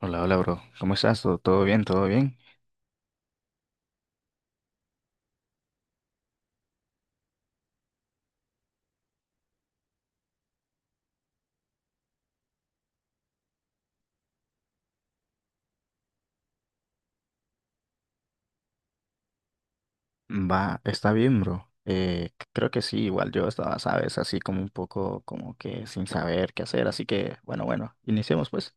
Hola, hola, bro. ¿Cómo estás? ¿Todo bien? ¿Todo bien? Va, está bien, bro. Creo que sí, igual yo estaba, sabes, así como un poco como que sin saber qué hacer, así que, bueno, bueno, iniciemos pues.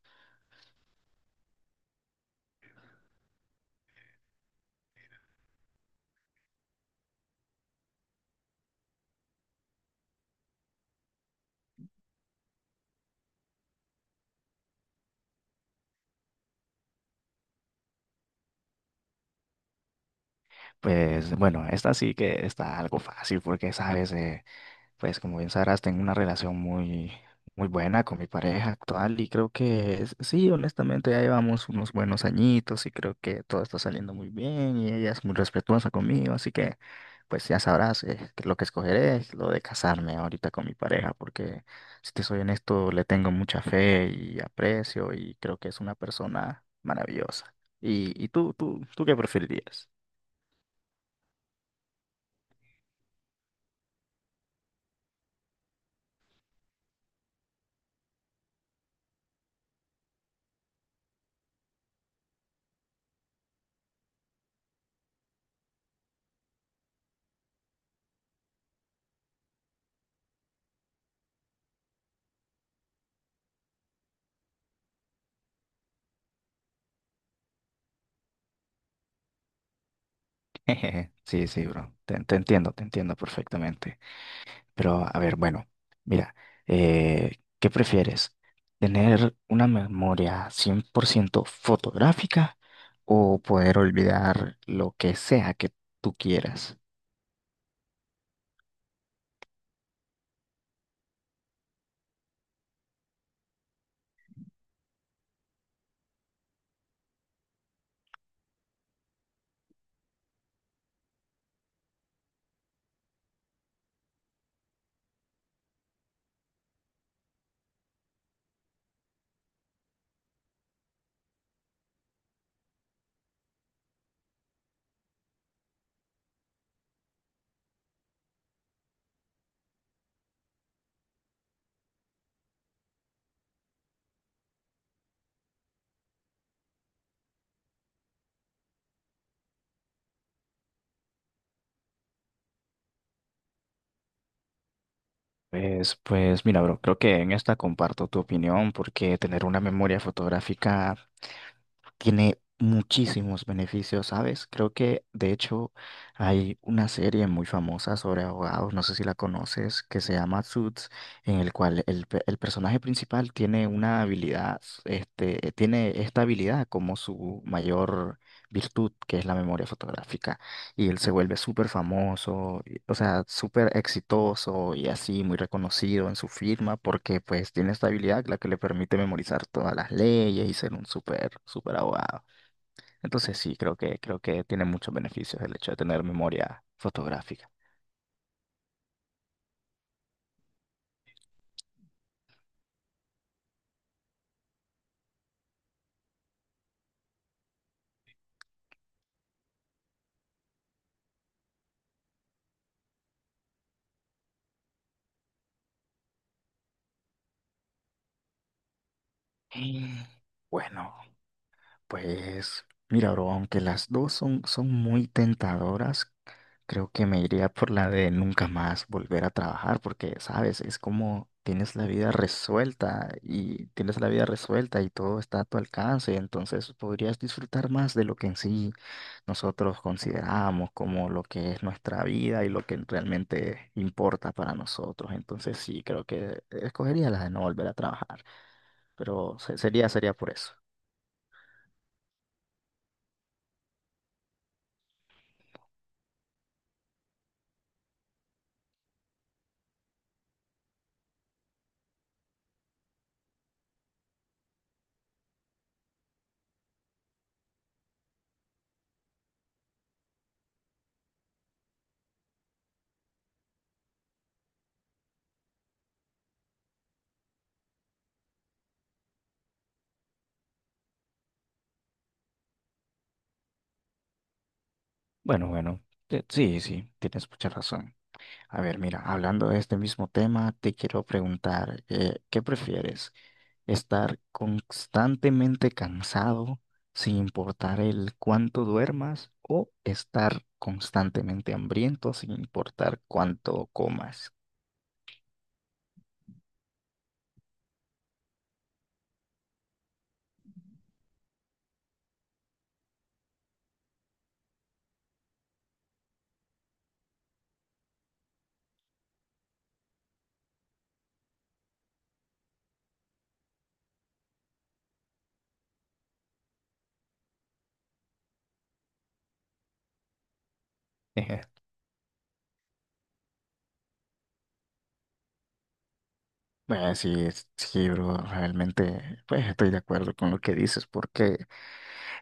Pues, bueno, esta sí que está algo fácil porque, sabes, pues como bien sabrás, tengo una relación muy, muy buena con mi pareja actual y creo que sí, honestamente ya llevamos unos buenos añitos y creo que todo está saliendo muy bien y ella es muy respetuosa conmigo, así que pues ya sabrás, que lo que escogeré es lo de casarme ahorita con mi pareja, porque si te soy honesto, le tengo mucha fe y aprecio y creo que es una persona maravillosa. ¿Y tú qué preferirías? Sí, sí, bro, te entiendo, te entiendo perfectamente. Pero a ver, bueno, mira, ¿qué prefieres? ¿Tener una memoria 100% fotográfica o poder olvidar lo que sea que tú quieras? Pues mira, bro, creo que en esta comparto tu opinión, porque tener una memoria fotográfica tiene muchísimos beneficios, ¿sabes? Creo que, de hecho, hay una serie muy famosa sobre abogados, no sé si la conoces, que se llama Suits, en el cual el personaje principal tiene una habilidad, tiene esta habilidad como su mayor virtud, que es la memoria fotográfica, y él se vuelve súper famoso, o sea, súper exitoso y así muy reconocido en su firma, porque pues tiene esta habilidad, la que le permite memorizar todas las leyes y ser un súper, súper abogado. Entonces sí, creo que, tiene muchos beneficios el hecho de tener memoria fotográfica. Y, Bueno. Pues mira, bro, aunque las dos son, muy tentadoras, creo que me iría por la de nunca más volver a trabajar, porque, sabes, es como tienes la vida resuelta y todo está a tu alcance, entonces podrías disfrutar más de lo que en sí nosotros consideramos como lo que es nuestra vida y lo que realmente importa para nosotros. Entonces sí, creo que escogería la de no volver a trabajar, pero sería por eso. Bueno, bueno, sí, sí, tienes mucha razón. A ver, mira, hablando de este mismo tema, te quiero preguntar, ¿qué prefieres? ¿Estar constantemente cansado sin importar el cuánto duermas o estar constantemente hambriento sin importar cuánto comas? Bueno, sí, sí, bro, realmente pues, estoy de acuerdo con lo que dices, porque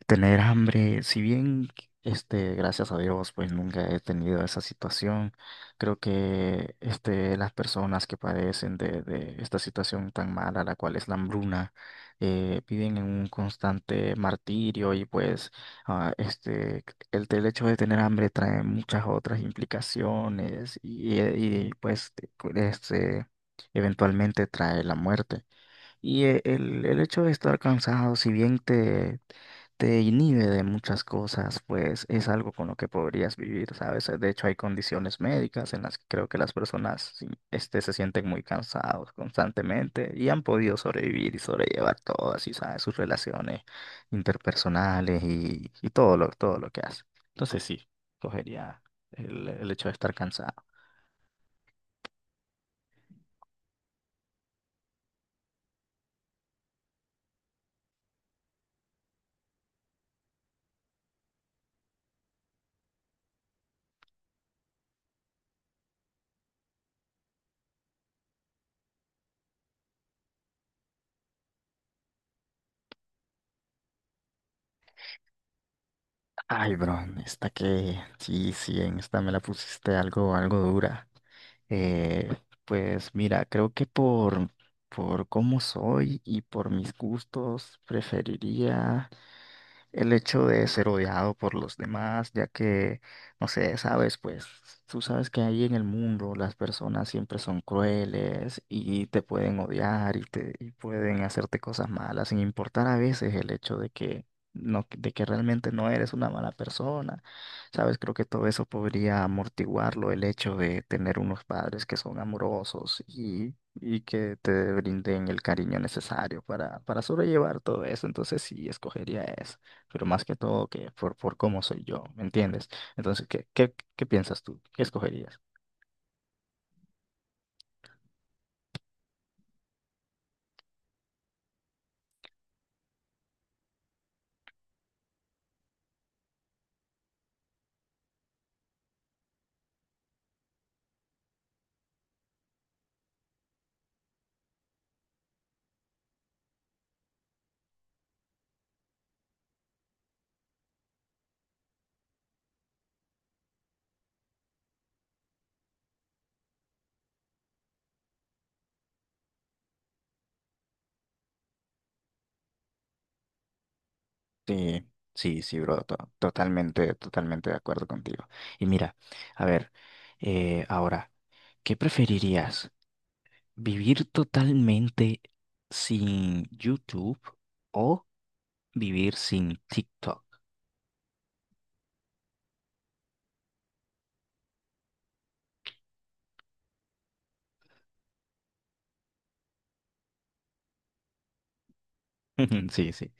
tener hambre, si bien, gracias a Dios, pues nunca he tenido esa situación, creo que, las personas que padecen de, esta situación tan mala, la cual es la hambruna, viven en un constante martirio, y pues, ah, este, el hecho de tener hambre trae muchas otras implicaciones, y pues, este, eventualmente trae la muerte. Y, el hecho de estar cansado, si bien te inhibe de muchas cosas, pues es algo con lo que podrías vivir, ¿sabes? De hecho, hay condiciones médicas en las que creo que las personas sí, se sienten muy cansados constantemente y han podido sobrevivir y sobrellevar todo así, ¿sabes? Sus relaciones interpersonales y todo lo que hace. Entonces sí, cogería el hecho de estar cansado. Ay, bro, esta que sí, sí, en esta me la pusiste algo, algo dura. Eh, pues mira, creo que por cómo soy y por mis gustos, preferiría el hecho de ser odiado por los demás, ya que, no sé, sabes, pues tú sabes que ahí en el mundo las personas siempre son crueles y te pueden odiar y pueden hacerte cosas malas, sin importar a veces el hecho de que no, de que realmente no eres una mala persona. Sabes, creo que todo eso podría amortiguarlo el hecho de tener unos padres que son amorosos y que te brinden el cariño necesario para sobrellevar todo eso. Entonces sí, escogería eso, pero más que todo que por cómo soy yo, ¿me entiendes? Entonces, ¿qué piensas tú? ¿Qué escogerías? Sí, sí, sí, bro, totalmente de acuerdo contigo. Y mira, a ver, ahora, ¿qué preferirías? ¿Vivir totalmente sin YouTube o vivir sin TikTok? Sí, sí.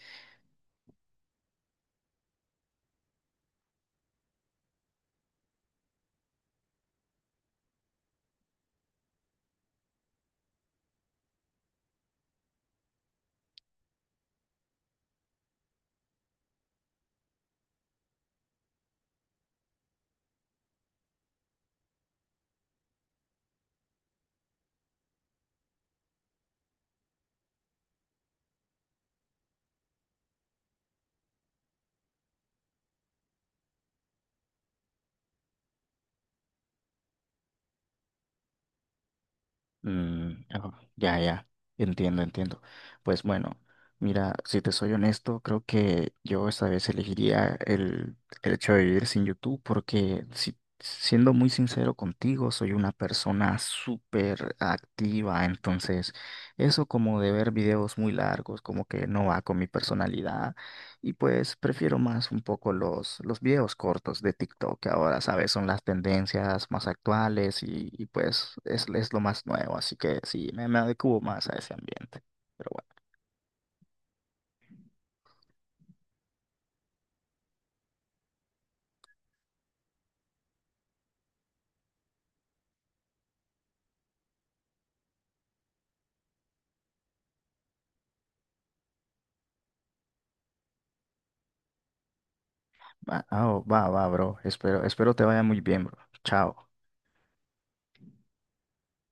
Mm, oh, ya, ya, entiendo, entiendo. Pues bueno, mira, si te soy honesto, creo que yo esta vez elegiría el hecho de vivir sin YouTube, porque, si, siendo muy sincero contigo, soy una persona súper activa, entonces eso como de ver videos muy largos, como que no va con mi personalidad. Y pues prefiero más un poco los videos cortos de TikTok, que ahora, ¿sabes? Son las tendencias más actuales, pues es lo más nuevo, así que sí, me adecuo más a ese ambiente. Pero bueno. Va, ah, oh, va, va, bro. Espero te vaya muy bien, bro. Chao.